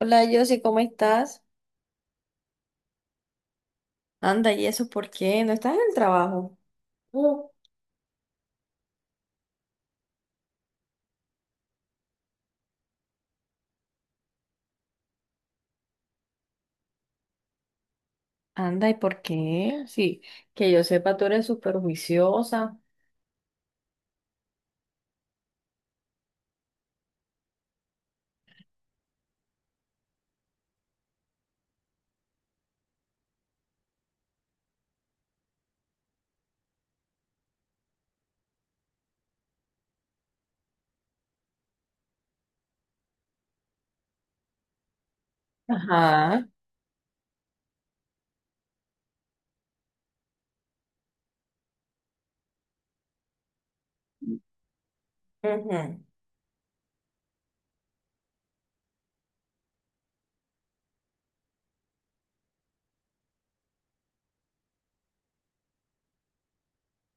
Hola, Josie, ¿cómo estás? Anda, ¿y eso por qué? ¿No estás en el trabajo? No. Anda, ¿y por qué? Sí, que yo sepa, tú eres súper juiciosa. Ajá. Ujú.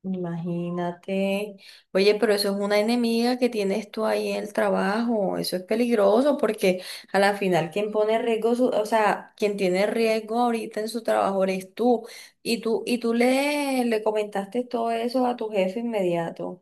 Imagínate. Oye, pero eso es una enemiga que tienes tú ahí en el trabajo. Eso es peligroso porque a la final quien pone riesgo, o sea, quien tiene riesgo ahorita en su trabajo eres tú. Y tú le, le comentaste todo eso a tu jefe inmediato.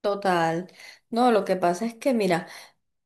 Total. No, lo que pasa es que, mira,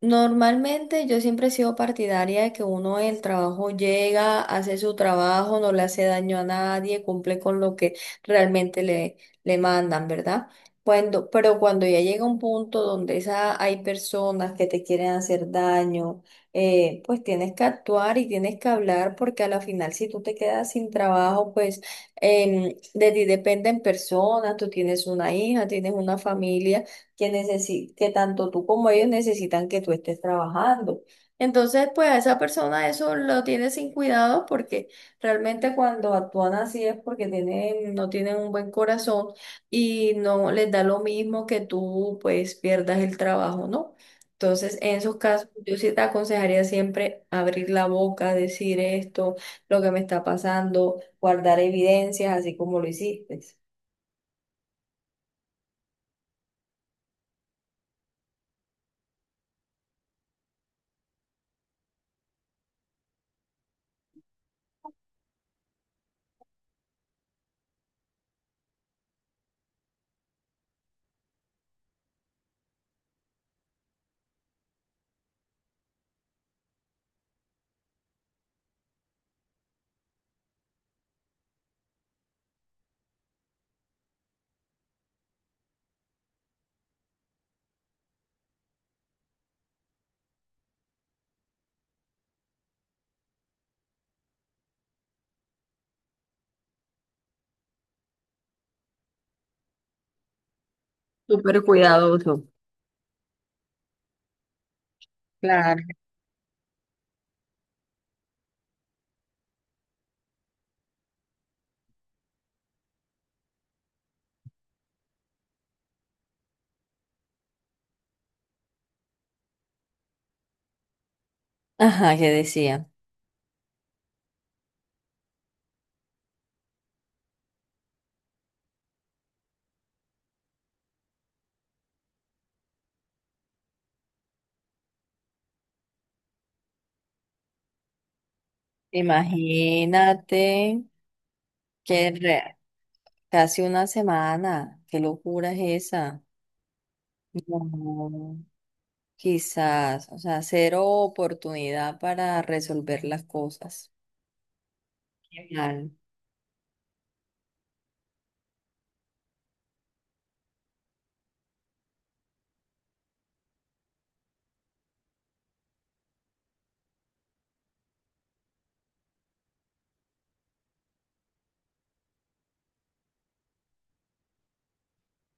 normalmente yo siempre he sido partidaria de que uno en el trabajo llega, hace su trabajo, no le hace daño a nadie, cumple con lo que realmente le, le mandan, ¿verdad? Pero cuando ya llega un punto donde esa, hay personas que te quieren hacer daño, pues tienes que actuar y tienes que hablar porque a la final si tú te quedas sin trabajo, pues de ti dependen personas, tú tienes una hija, tienes una familia que, que tanto tú como ellos necesitan que tú estés trabajando. Entonces, pues a esa persona eso lo tiene sin cuidado porque realmente cuando actúan así es porque tienen, no tienen un buen corazón y no les da lo mismo que tú pues pierdas el trabajo, ¿no? Entonces, en esos casos, yo sí te aconsejaría siempre abrir la boca, decir esto, lo que me está pasando, guardar evidencias, así como lo hiciste. Súper cuidadoso. Claro. Ajá, ¿que decía? Imagínate que re- casi una semana, qué locura es esa. No, quizás, o sea, cero oportunidad para resolver las cosas. Qué mal.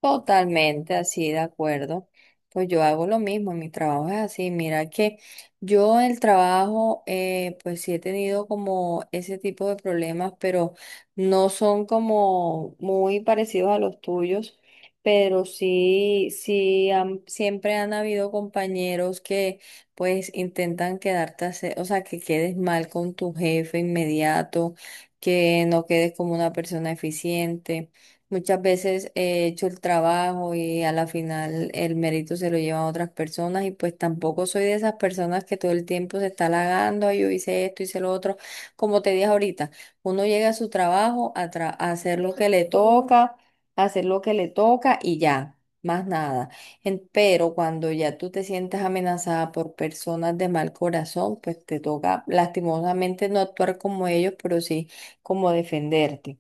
Totalmente así, de acuerdo. Pues yo hago lo mismo, mi trabajo es así. Mira que yo el trabajo, pues sí he tenido como ese tipo de problemas, pero no son como muy parecidos a los tuyos, pero sí, siempre han habido compañeros que pues intentan quedarte, o sea, que quedes mal con tu jefe inmediato, que no quedes como una persona eficiente. Muchas veces he hecho el trabajo y a la final el mérito se lo llevan otras personas y pues tampoco soy de esas personas que todo el tiempo se está halagando, "Ay, yo hice esto, hice lo otro". Como te dije ahorita, uno llega a su trabajo a, a hacer lo que le toca, a hacer lo que le toca y ya, más nada. Pero cuando ya tú te sientes amenazada por personas de mal corazón, pues te toca lastimosamente no actuar como ellos, pero sí como defenderte.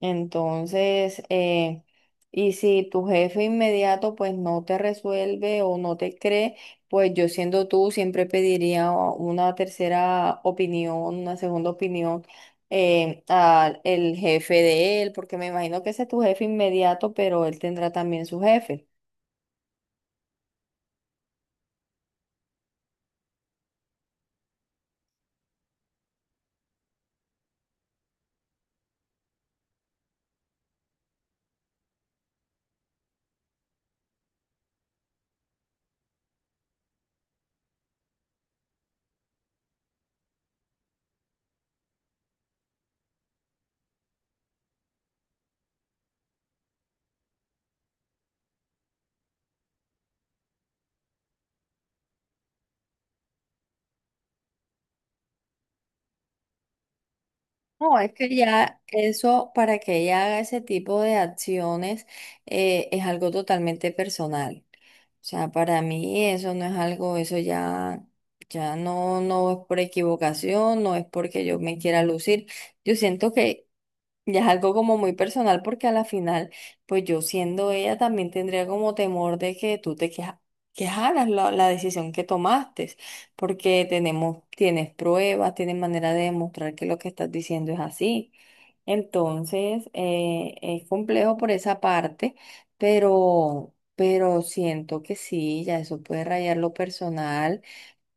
Entonces, y si tu jefe inmediato pues no te resuelve o no te cree, pues yo siendo tú siempre pediría una tercera opinión, una segunda opinión al el jefe de él, porque me imagino que ese es tu jefe inmediato, pero él tendrá también su jefe. No, es que ya eso, para que ella haga ese tipo de acciones, es algo totalmente personal. O sea, para mí eso no es algo, eso ya, ya no, no es por equivocación, no es porque yo me quiera lucir. Yo siento que ya es algo como muy personal porque a la final, pues yo siendo ella también tendría como temor de que quejaras la, la decisión que tomaste, porque tenemos, tienes pruebas, tienes manera de demostrar que lo que estás diciendo es así. Entonces, es complejo por esa parte, pero siento que sí, ya eso puede rayar lo personal.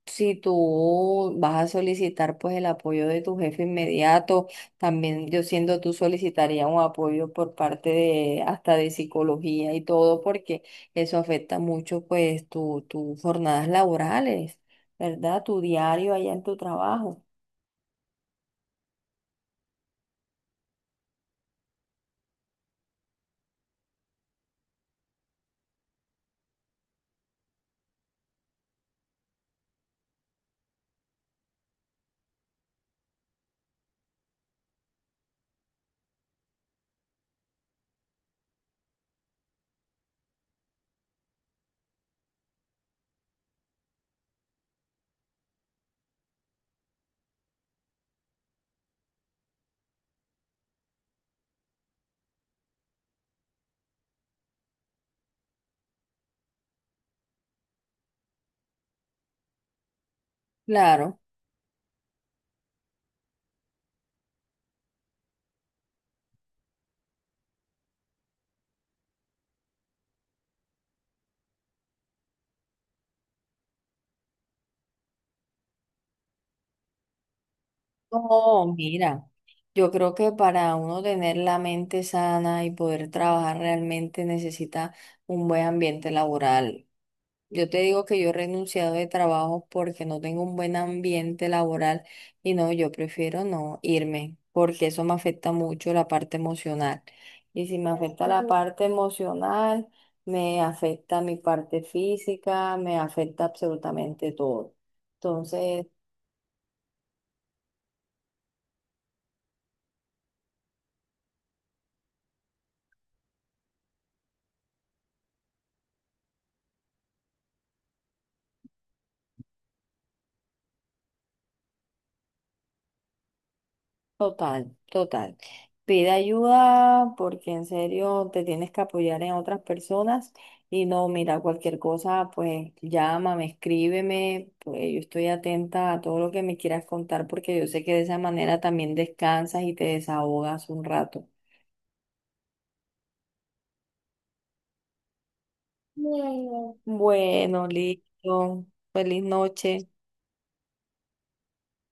Si tú vas a solicitar pues el apoyo de tu jefe inmediato, también yo siendo tú solicitaría un apoyo por parte de hasta de psicología y todo, porque eso afecta mucho pues tu, tus jornadas laborales, ¿verdad? Tu diario allá en tu trabajo. Claro. No, mira, yo creo que para uno tener la mente sana y poder trabajar realmente necesita un buen ambiente laboral. Yo te digo que yo he renunciado de trabajo porque no tengo un buen ambiente laboral y no, yo prefiero no irme porque eso me afecta mucho la parte emocional. Y si me afecta la parte emocional, me afecta mi parte física, me afecta absolutamente todo. Entonces, total, total. Pide ayuda porque en serio te tienes que apoyar en otras personas y no, mira, cualquier cosa, pues llámame, escríbeme, pues yo estoy atenta a todo lo que me quieras contar porque yo sé que de esa manera también descansas y te desahogas un rato. Bueno. Bueno, listo. Feliz noche.